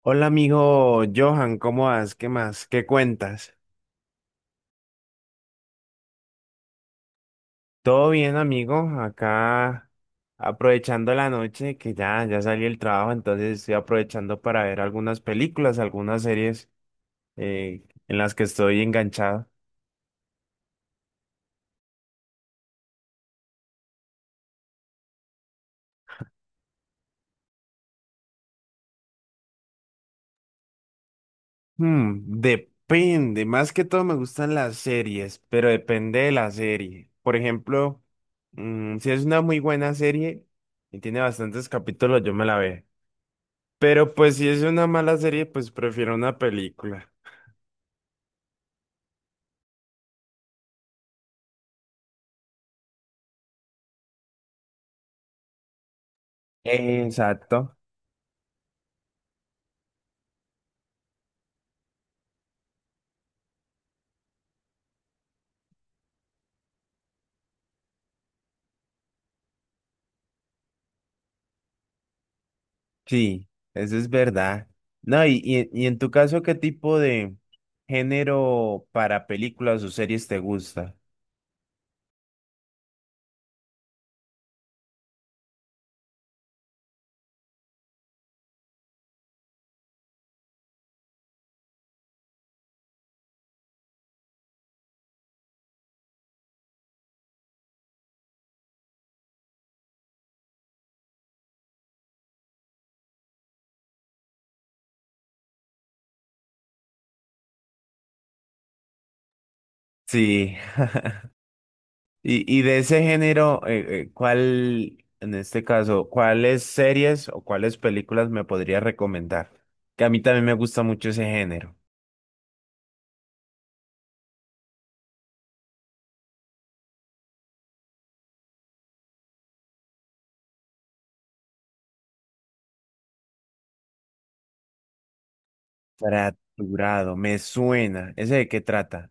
Hola amigo Johan, ¿cómo vas? ¿Qué más? ¿Qué cuentas? Todo bien amigo, acá aprovechando la noche que ya salí del trabajo, entonces estoy aprovechando para ver algunas películas, algunas series en las que estoy enganchado. Hmm, depende, más que todo me gustan las series, pero depende de la serie. Por ejemplo, si es una muy buena serie y tiene bastantes capítulos, yo me la veo. Pero pues si es una mala serie, pues prefiero una película. Exacto, sí, eso es verdad. No, y en tu caso, ¿qué tipo de género para películas o series te gusta? Sí, y de ese género, ¿cuál, en este caso, cuáles series o cuáles películas me podrías recomendar? Que a mí también me gusta mucho ese género. Fracturado, me suena. ¿Ese de qué trata?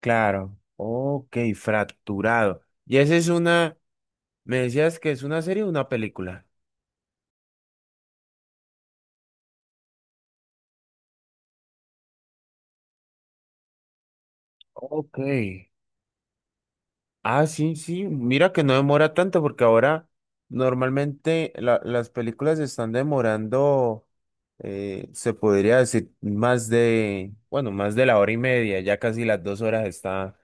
Claro. Ok, fracturado. ¿Y esa es una, me decías que es una serie o una película? Ok. Ah, sí, sí. Mira que no demora tanto porque ahora normalmente las películas están demorando, se podría decir, más de, bueno, más de la hora y media, ya casi las dos horas está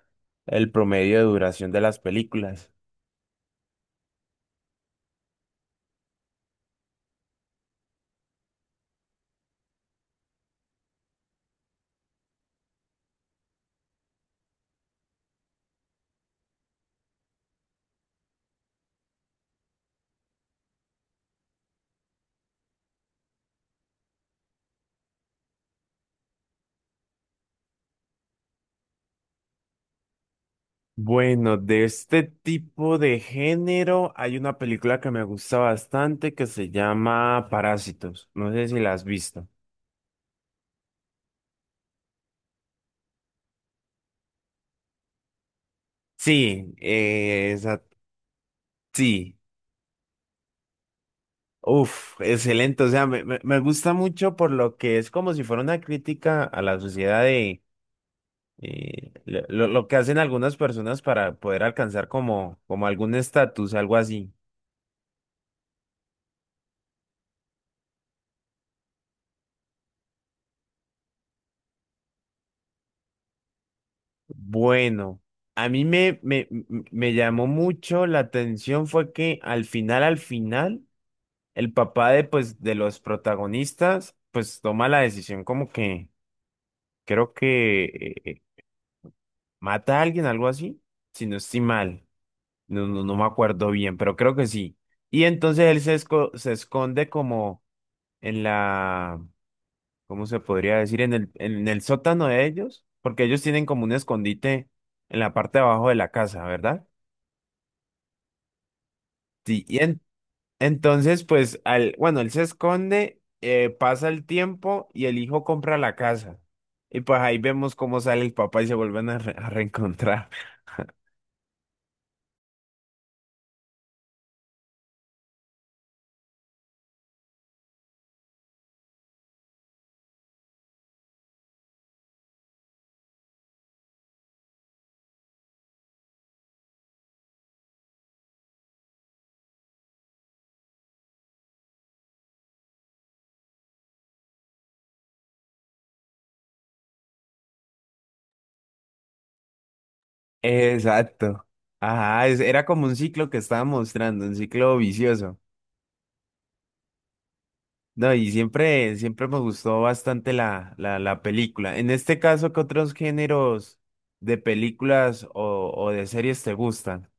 el promedio de duración de las películas. Bueno, de este tipo de género hay una película que me gusta bastante que se llama Parásitos. No sé si la has visto. Sí, sí. Uf, excelente. O sea, me gusta mucho por lo que es como si fuera una crítica a la sociedad de lo que hacen algunas personas para poder alcanzar como, como algún estatus, algo así. Bueno, a mí me, me, me me llamó mucho la atención fue que al final, el papá de, pues, de los protagonistas, pues toma la decisión como que creo que mata a alguien, algo así, si no estoy mal. No me acuerdo bien, pero creo que sí. Y entonces él se, se esconde como en la, ¿cómo se podría decir? En en el sótano de ellos, porque ellos tienen como un escondite en la parte de abajo de la casa, ¿verdad? Sí, y entonces pues, al, bueno, él se esconde, pasa el tiempo y el hijo compra la casa. Y pues ahí vemos cómo sale el papá y se vuelven a, a reencontrar. Exacto. Ajá, era como un ciclo que estaba mostrando, un ciclo vicioso. No, y siempre, siempre me gustó bastante la película. En este caso, ¿qué otros géneros de películas o de series te gustan?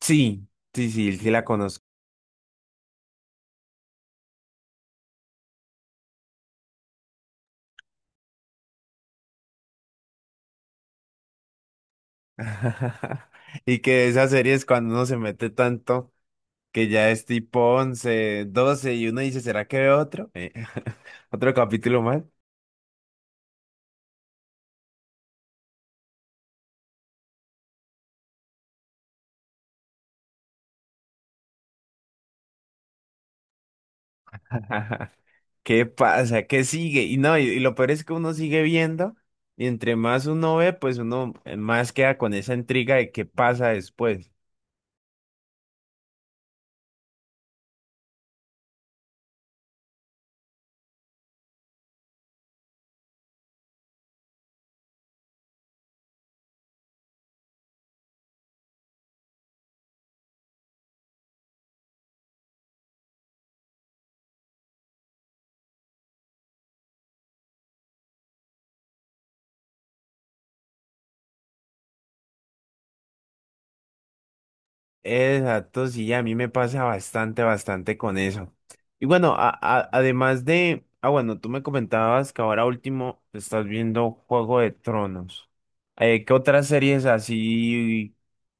Sí, sí, sí, sí la conozco. Y que esas series cuando uno se mete tanto que ya es tipo 11, 12 y uno dice, ¿será que veo otro? Otro capítulo más. ¿Qué pasa? ¿Qué sigue? Y no, y lo peor es que uno sigue viendo y entre más uno ve, pues uno más queda con esa intriga de qué pasa después. Exacto, sí, a mí me pasa bastante, bastante con eso. Y bueno, además de, ah, bueno, tú me comentabas que ahora último estás viendo Juego de Tronos. ¿Qué otras series así,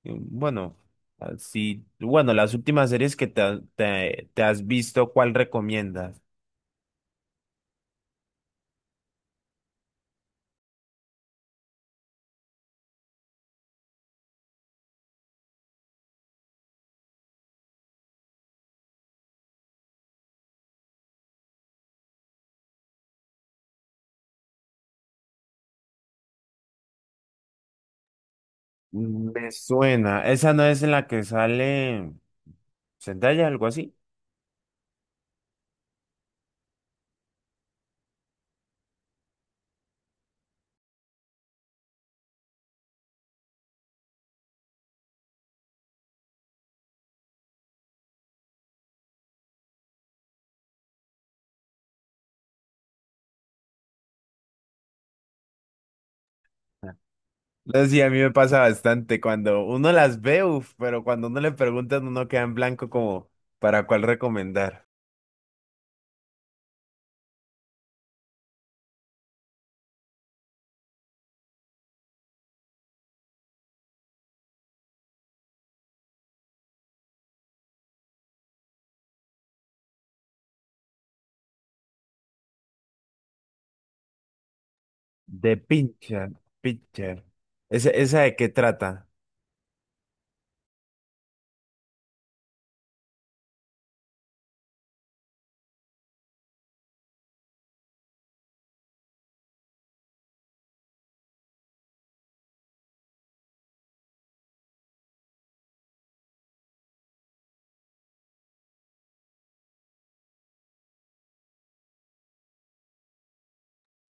eh, bueno, así, bueno, las últimas series que te, ha- te te has visto, ¿cuál recomiendas? Me suena. ¿Esa no es en la que sale Zendaya, algo así? No, sí, a mí me pasa bastante cuando uno las ve, uf, pero cuando uno le preguntan, uno queda en blanco como para cuál recomendar. The Pincher. Pincher. ¿Esa, esa de qué trata?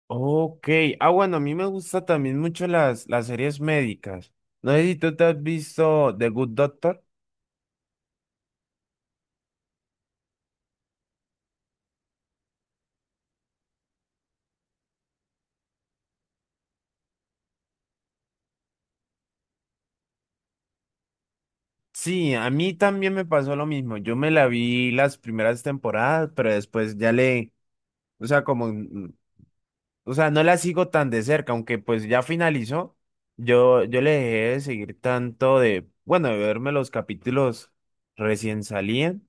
Ok. Ah, bueno, a mí me gusta también mucho las series médicas. No sé si tú te has visto The Good Doctor. Sí, a mí también me pasó lo mismo. Yo me la vi las primeras temporadas, pero después ya le o sea, como, o sea, no la sigo tan de cerca, aunque pues ya finalizó. Yo le dejé de seguir tanto de, bueno, de verme los capítulos recién salían,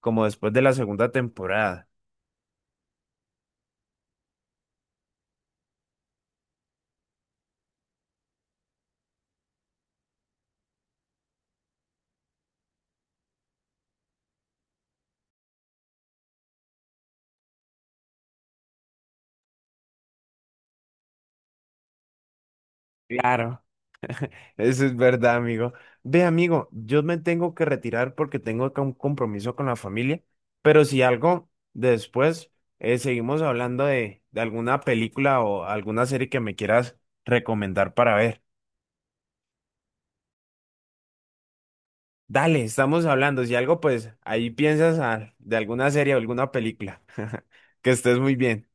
como después de la segunda temporada. Claro, eso es verdad, amigo. Ve, amigo, yo me tengo que retirar porque tengo acá un compromiso con la familia, pero si algo, después seguimos hablando de alguna película o alguna serie que me quieras recomendar para ver. Dale, estamos hablando. Si algo, pues ahí piensas ah, de alguna serie o alguna película. Que estés muy bien.